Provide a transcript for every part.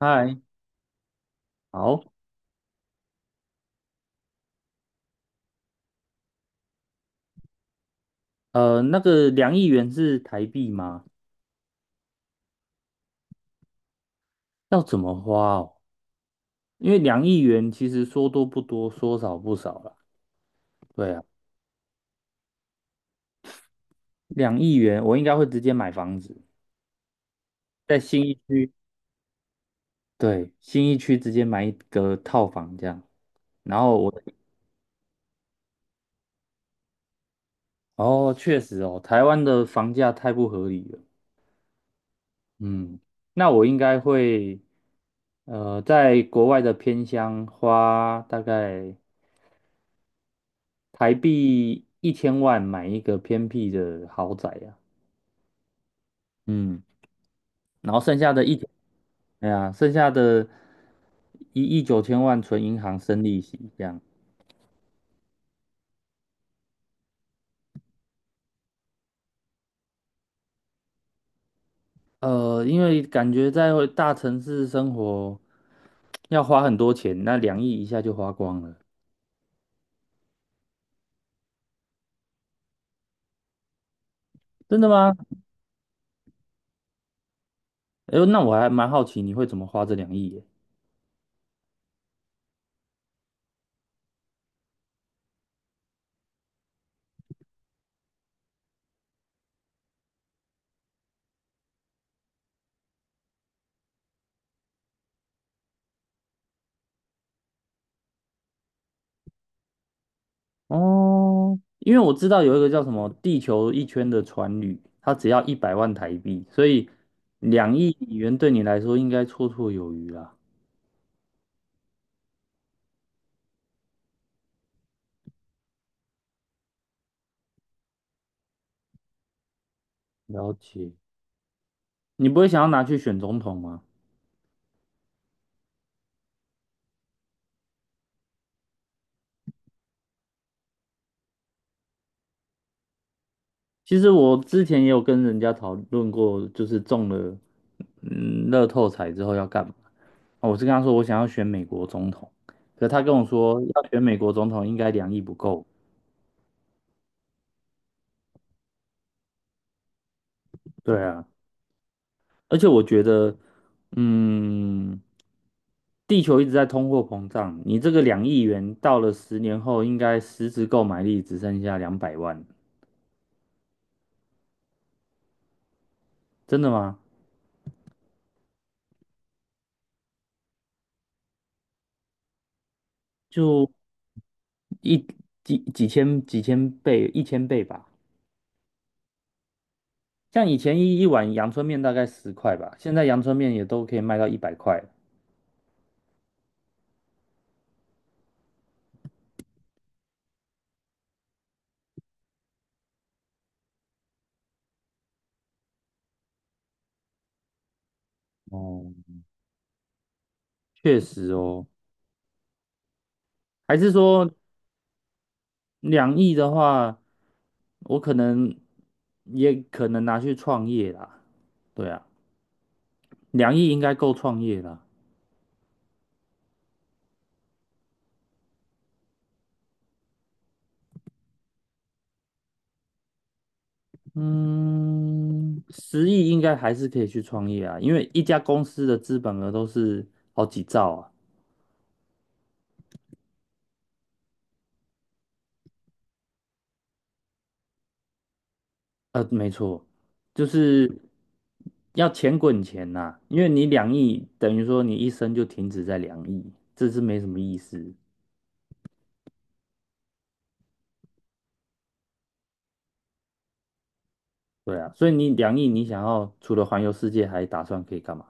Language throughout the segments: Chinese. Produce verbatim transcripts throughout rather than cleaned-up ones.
嗨，好。呃，那个两亿元是台币吗？要怎么花哦？因为两亿元其实说多不多，说少不少啦。对啊，两亿元我应该会直接买房子，在新一区。对，新一区直接买一个套房这样。然后我，哦，确实哦，台湾的房价太不合理了。嗯，那我应该会，呃，在国外的偏乡花大概台币一千万买一个偏僻的豪宅呀、嗯，然后剩下的一，哎呀，剩下的一亿九千万存银行生利息，这样。呃，因为感觉在大城市生活要花很多钱，那两亿一下就花光了。真的吗？哎呦，那我还蛮好奇你会怎么花这两亿耶？哦，因为我知道有一个叫什么"地球一圈"的船旅，它只要一百万台币，所以两亿美元对你来说应该绰绰有余啦。了解，你不会想要拿去选总统吗？其实我之前也有跟人家讨论过，就是中了嗯乐透彩之后要干嘛。啊我是跟他说我想要选美国总统，可他跟我说要选美国总统应该两亿不够。对啊，而且我觉得，嗯，地球一直在通货膨胀，你这个两亿元到了十年后，应该实质购买力只剩下两百万。真的吗？就一几几千几千倍，一千倍吧。像以前一一碗阳春面大概十块吧，现在阳春面也都可以卖到一百块了。哦，确实哦，还是说两亿的话，我可能也可能拿去创业啦。对啊。两亿应该够创业了。嗯，十亿应该还是可以去创业啊，因为一家公司的资本额都是好几兆啊。呃，没错，就是要钱滚钱呐、因为你两亿等于说你一生就停止在两亿，这是没什么意思。对啊，所以你两亿，你想要除了环游世界，还打算可以干嘛？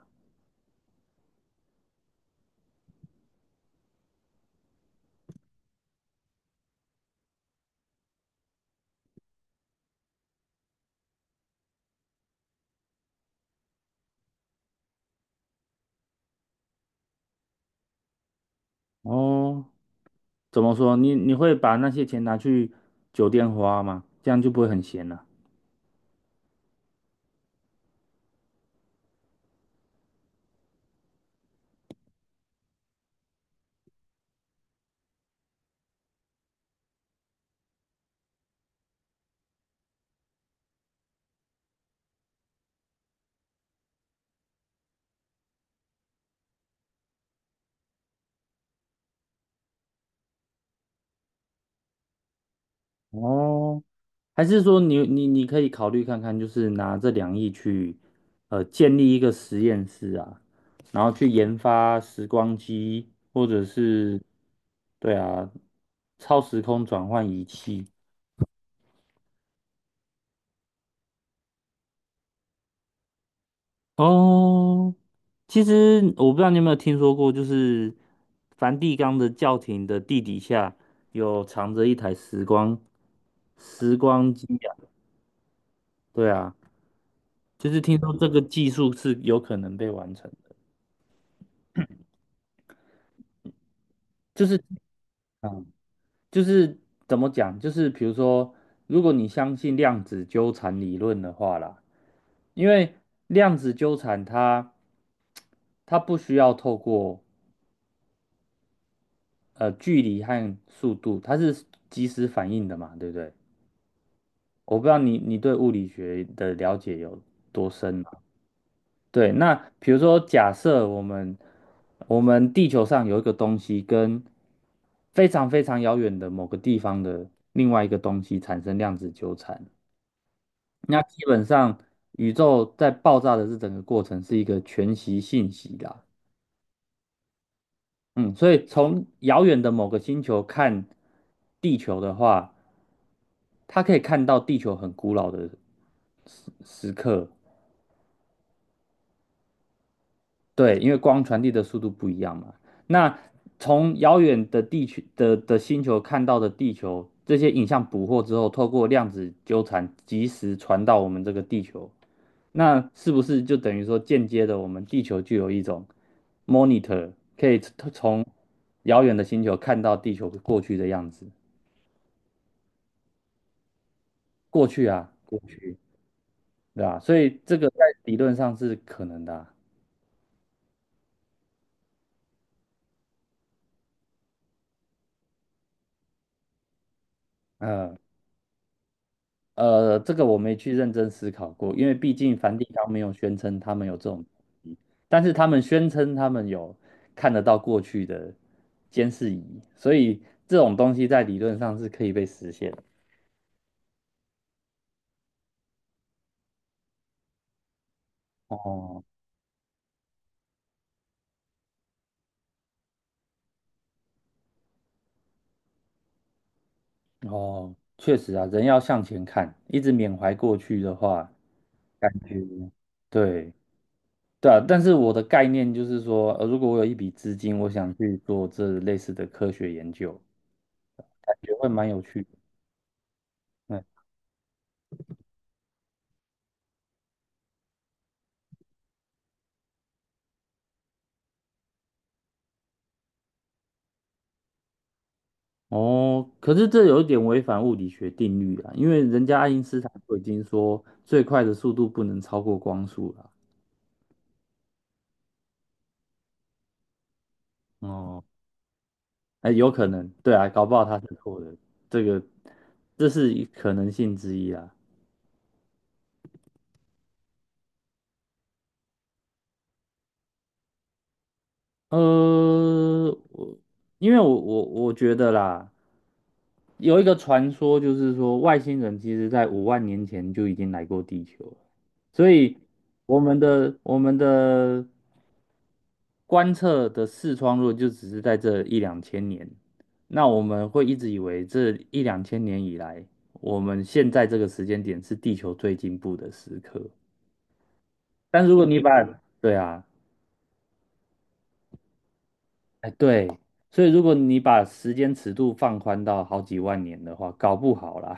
哦，怎么说？你你会把那些钱拿去酒店花吗？这样就不会很闲了。哦，还是说你你你可以考虑看看，就是拿这两亿去呃建立一个实验室啊，然后去研发时光机，或者是对啊超时空转换仪器。哦，其实我不知道你有没有听说过，就是梵蒂冈的教廷的地底下有藏着一台时光时光机啊。对啊，就是听说这个技术是有可能被完成的，就是。啊就是怎么讲？就是比如说，如果你相信量子纠缠理论的话啦，因为量子纠缠它它不需要透过呃距离和速度，它是即时反应的嘛，对不对？我不知道你你对物理学的了解有多深嘛？对，那比如说，假设我们我们地球上有一个东西跟非常非常遥远的某个地方的另外一个东西产生量子纠缠，那基本上，宇宙在爆炸的这整个过程是一个全息信息啦。嗯，所以从遥远的某个星球看地球的话，它可以看到地球很古老的时时刻。对，因为光传递的速度不一样嘛。那从遥远的地区的的星球看到的地球，这些影像捕获之后，透过量子纠缠，及时传到我们这个地球。那是不是就等于说间接的，我们地球就有一种 monitor,可以从遥远的星球看到地球过去的样子？过去啊，过去，对吧？所以这个在理论上是可能的啊。嗯呃，这个我没去认真思考过，因为毕竟梵蒂冈没有宣称他们有这种但是他们宣称他们有看得到过去的监视仪，所以这种东西在理论上是可以被实现的。哦。哦，确实啊，人要向前看，一直缅怀过去的话，感觉对，对啊。但是我的概念就是说，呃，如果我有一笔资金，我想去做这类似的科学研究，感觉会蛮有趣的。嗯，哦，可是这有一点违反物理学定律啊，因为人家爱因斯坦都已经说最快的速度不能超过光速了。哦，哎，有可能，对啊，搞不好他是错的，这个这是一可能性之一啊。呃，我因为我我我觉得啦，有一个传说就是说，外星人其实在五万年前就已经来过地球了，所以我们的我们的观测的视窗如果就只是在这一两千年，那我们会一直以为这一两千年以来，我们现在这个时间点是地球最进步的时刻。但如果你把，对啊，哎，对，所以如果你把时间尺度放宽到好几万年的话，搞不好啦，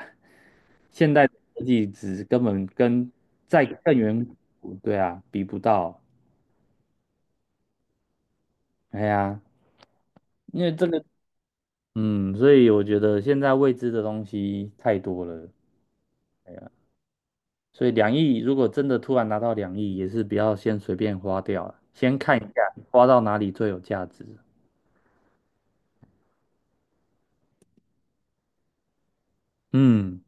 现代科技只根本跟在更远古对啊，比不到。哎呀，因为这个，嗯，所以我觉得现在未知的东西太多了，所以两亿如果真的突然拿到两亿，也是不要先随便花掉了，先看一下花到哪里最有价值。嗯，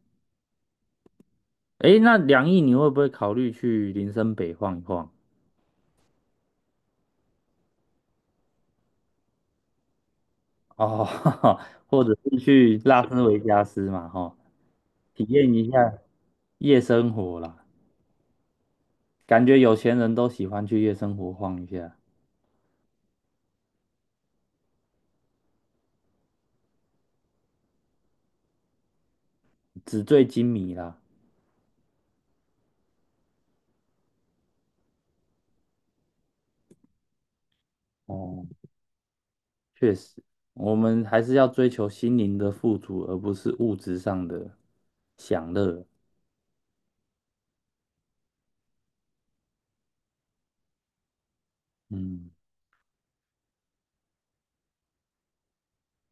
哎，那两亿你会不会考虑去林森北晃一晃？哦，或者是去拉斯维加斯嘛，哈，体验一下夜生活啦。感觉有钱人都喜欢去夜生活晃一下，纸醉金迷啦。哦，确实，我们还是要追求心灵的富足，而不是物质上的享乐。嗯，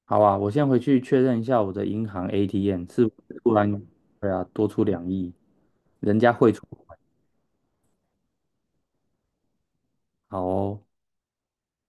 好啊，我先回去确认一下我的银行 A T M 是不是突然，对啊，多出两亿，人家汇出，好哦。